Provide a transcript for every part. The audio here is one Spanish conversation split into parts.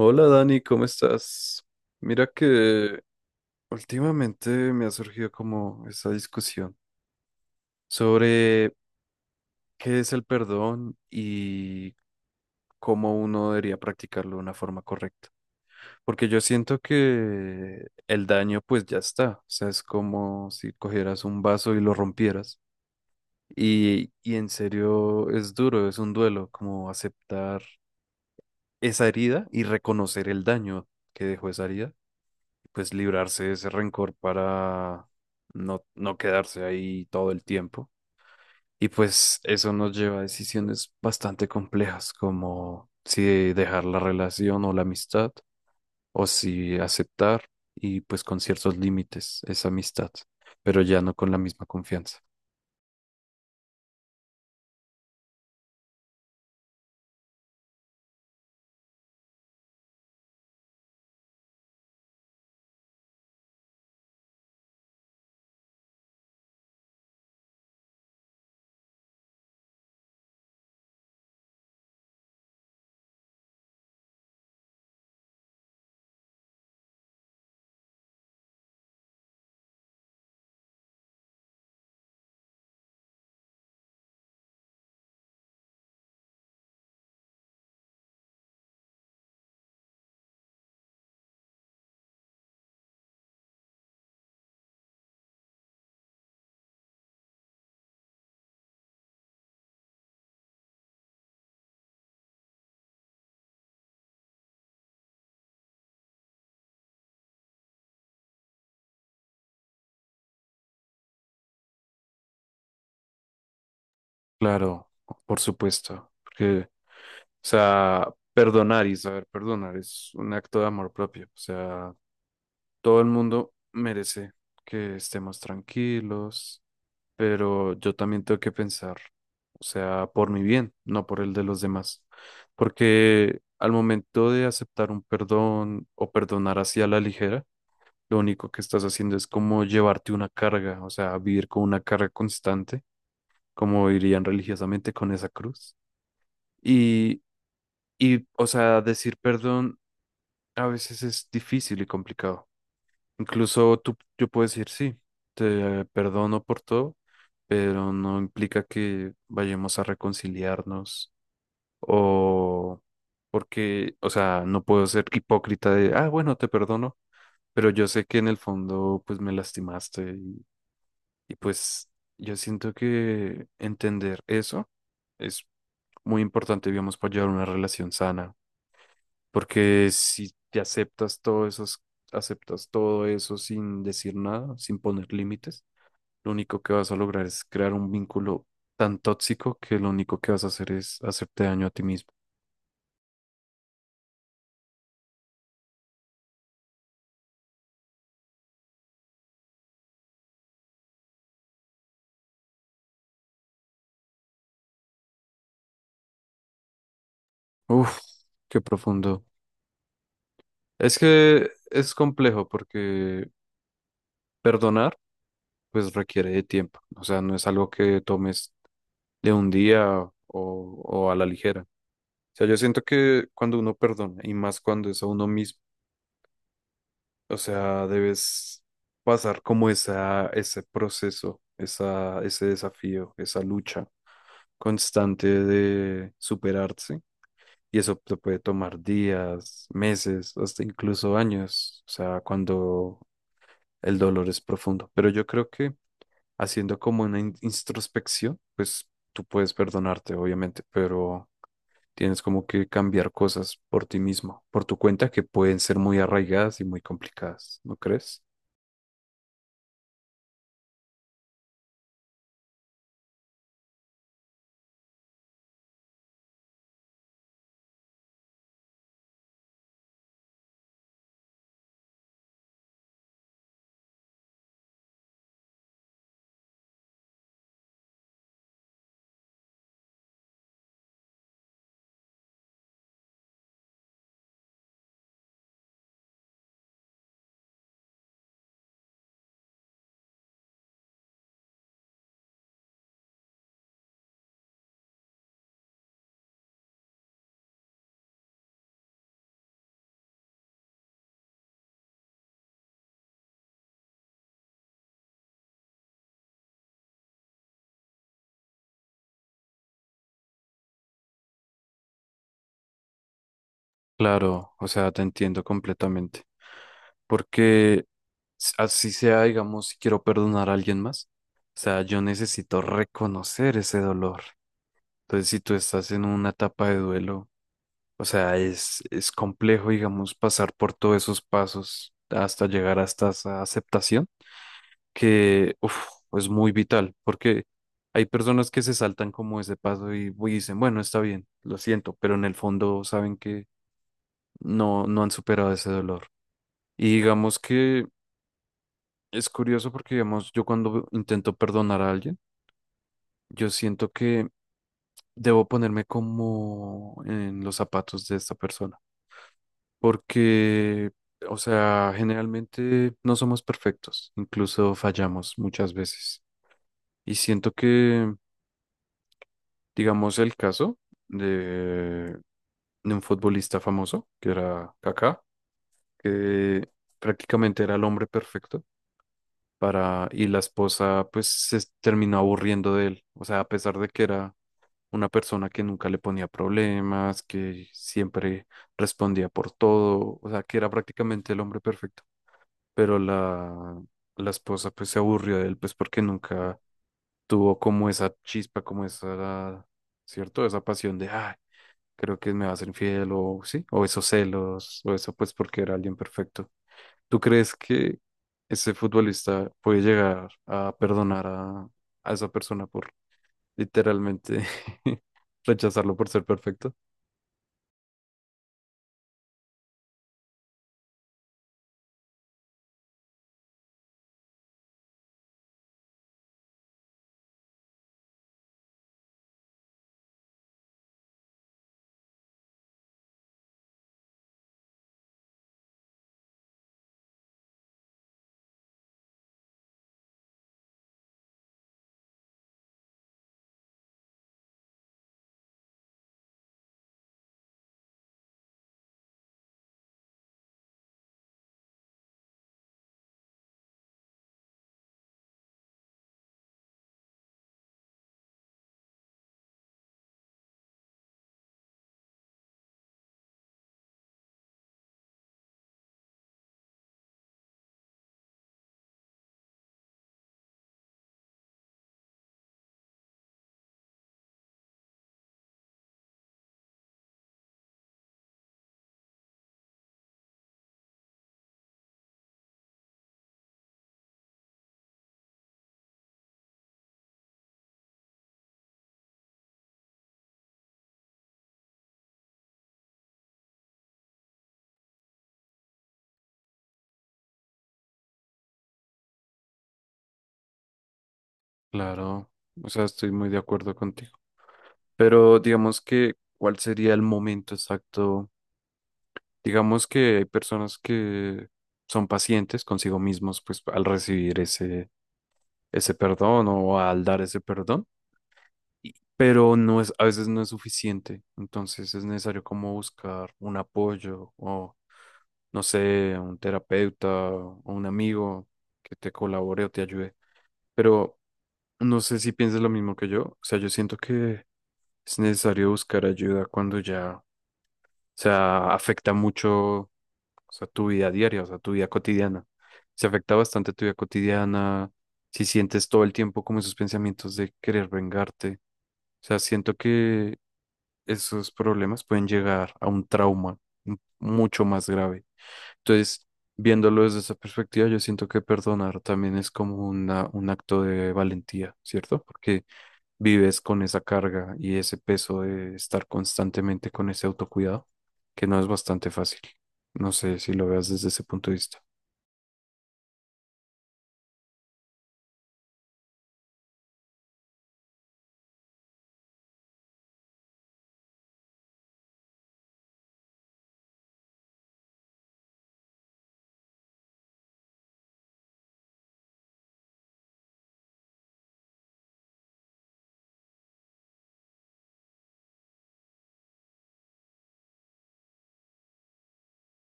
Hola Dani, ¿cómo estás? Mira que últimamente me ha surgido como esa discusión sobre qué es el perdón y cómo uno debería practicarlo de una forma correcta. Porque yo siento que el daño pues ya está, o sea, es como si cogieras un vaso y lo rompieras. Y en serio es duro, es un duelo, como aceptar esa herida y reconocer el daño que dejó esa herida pues librarse de ese rencor para no, no quedarse ahí todo el tiempo. Y pues eso nos lleva a decisiones bastante complejas, como si dejar la relación o la amistad, o si aceptar y pues con ciertos límites esa amistad, pero ya no con la misma confianza. Claro, por supuesto, porque, o sea, perdonar y saber perdonar es un acto de amor propio, o sea, todo el mundo merece que estemos tranquilos, pero yo también tengo que pensar, o sea, por mi bien, no por el de los demás. Porque al momento de aceptar un perdón o perdonar hacia la ligera, lo único que estás haciendo es como llevarte una carga, o sea, vivir con una carga constante, como dirían religiosamente con esa cruz. Y, y, o sea, decir perdón a veces es difícil y complicado. Incluso tú, yo puedo decir, sí, te perdono por todo, pero no implica que vayamos a reconciliarnos o porque, o sea, no puedo ser hipócrita de, ah, bueno, te perdono, pero yo sé que en el fondo, pues me lastimaste y pues yo siento que entender eso es muy importante, digamos, para llevar una relación sana. Porque si te aceptas todo eso sin decir nada, sin poner límites, lo único que vas a lograr es crear un vínculo tan tóxico que lo único que vas a hacer es hacerte daño a ti mismo. Uf, qué profundo. Es que es complejo porque perdonar pues requiere de tiempo. O sea, no es algo que tomes de un día o a la ligera. O sea, yo siento que cuando uno perdona y más cuando es a uno mismo, o sea, debes pasar como ese proceso, ese desafío, esa lucha constante de superarse. Y eso te puede tomar días, meses, hasta incluso años, o sea, cuando el dolor es profundo. Pero yo creo que haciendo como una introspección, pues tú puedes perdonarte, obviamente, pero tienes como que cambiar cosas por ti mismo, por tu cuenta, que pueden ser muy arraigadas y muy complicadas, ¿no crees? Claro, o sea, te entiendo completamente. Porque así sea, digamos, si quiero perdonar a alguien más, o sea, yo necesito reconocer ese dolor. Entonces, si tú estás en una etapa de duelo, o sea, es complejo, digamos, pasar por todos esos pasos hasta llegar hasta esa aceptación, que uf, es muy vital, porque hay personas que se saltan como ese paso y dicen, bueno, está bien, lo siento, pero en el fondo saben que no, no han superado ese dolor. Y digamos que es curioso porque, digamos, yo cuando intento perdonar a alguien, yo siento que debo ponerme como en los zapatos de esta persona. Porque, o sea, generalmente no somos perfectos, incluso fallamos muchas veces. Y siento que, digamos, el caso de, de un futbolista famoso, que era Kaká, que prácticamente era el hombre perfecto y la esposa pues se terminó aburriendo de él. O sea, a pesar de que era una persona que nunca le ponía problemas, que siempre respondía por todo, o sea, que era prácticamente el hombre perfecto. Pero la esposa pues se aburrió de él pues porque nunca tuvo como esa chispa, como esa, ¿cierto? Esa pasión de, ah, creo que me va a ser infiel o sí, o esos celos, o eso pues porque era alguien perfecto. ¿Tú crees que ese futbolista puede llegar a perdonar a esa persona por literalmente rechazarlo por ser perfecto? Claro, o sea, estoy muy de acuerdo contigo. Pero digamos que, ¿cuál sería el momento exacto? Digamos que hay personas que son pacientes consigo mismos, pues al recibir ese, ese perdón o al dar ese perdón. Y pero no es, a veces no es suficiente. Entonces es necesario como buscar un apoyo o, no sé, un terapeuta o un amigo que te colabore o te ayude. Pero no sé si piensas lo mismo que yo. O sea, yo siento que es necesario buscar ayuda cuando ya, o sea, afecta mucho, o sea, tu vida diaria, o sea, tu vida cotidiana. Se afecta bastante tu vida cotidiana, si sientes todo el tiempo como esos pensamientos de querer vengarte, o sea, siento que esos problemas pueden llegar a un trauma mucho más grave. Entonces, viéndolo desde esa perspectiva, yo siento que perdonar también es como una, un acto de valentía, ¿cierto? Porque vives con esa carga y ese peso de estar constantemente con ese autocuidado, que no es bastante fácil. No sé si lo veas desde ese punto de vista.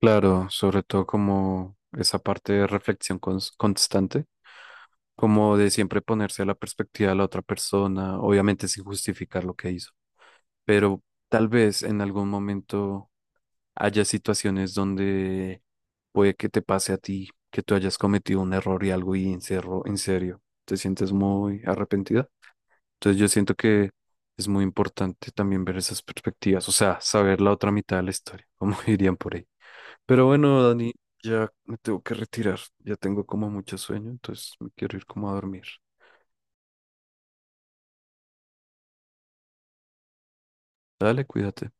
Claro, sobre todo como esa parte de reflexión constante, como de siempre ponerse a la perspectiva de la otra persona, obviamente sin justificar lo que hizo, pero tal vez en algún momento haya situaciones donde puede que te pase a ti, que tú hayas cometido un error y algo y en serio, te sientes muy arrepentida. Entonces yo siento que es muy importante también ver esas perspectivas, o sea, saber la otra mitad de la historia, como dirían por ahí. Pero bueno, Dani, ya me tengo que retirar. Ya tengo como mucho sueño, entonces me quiero ir como a dormir. Dale, cuídate.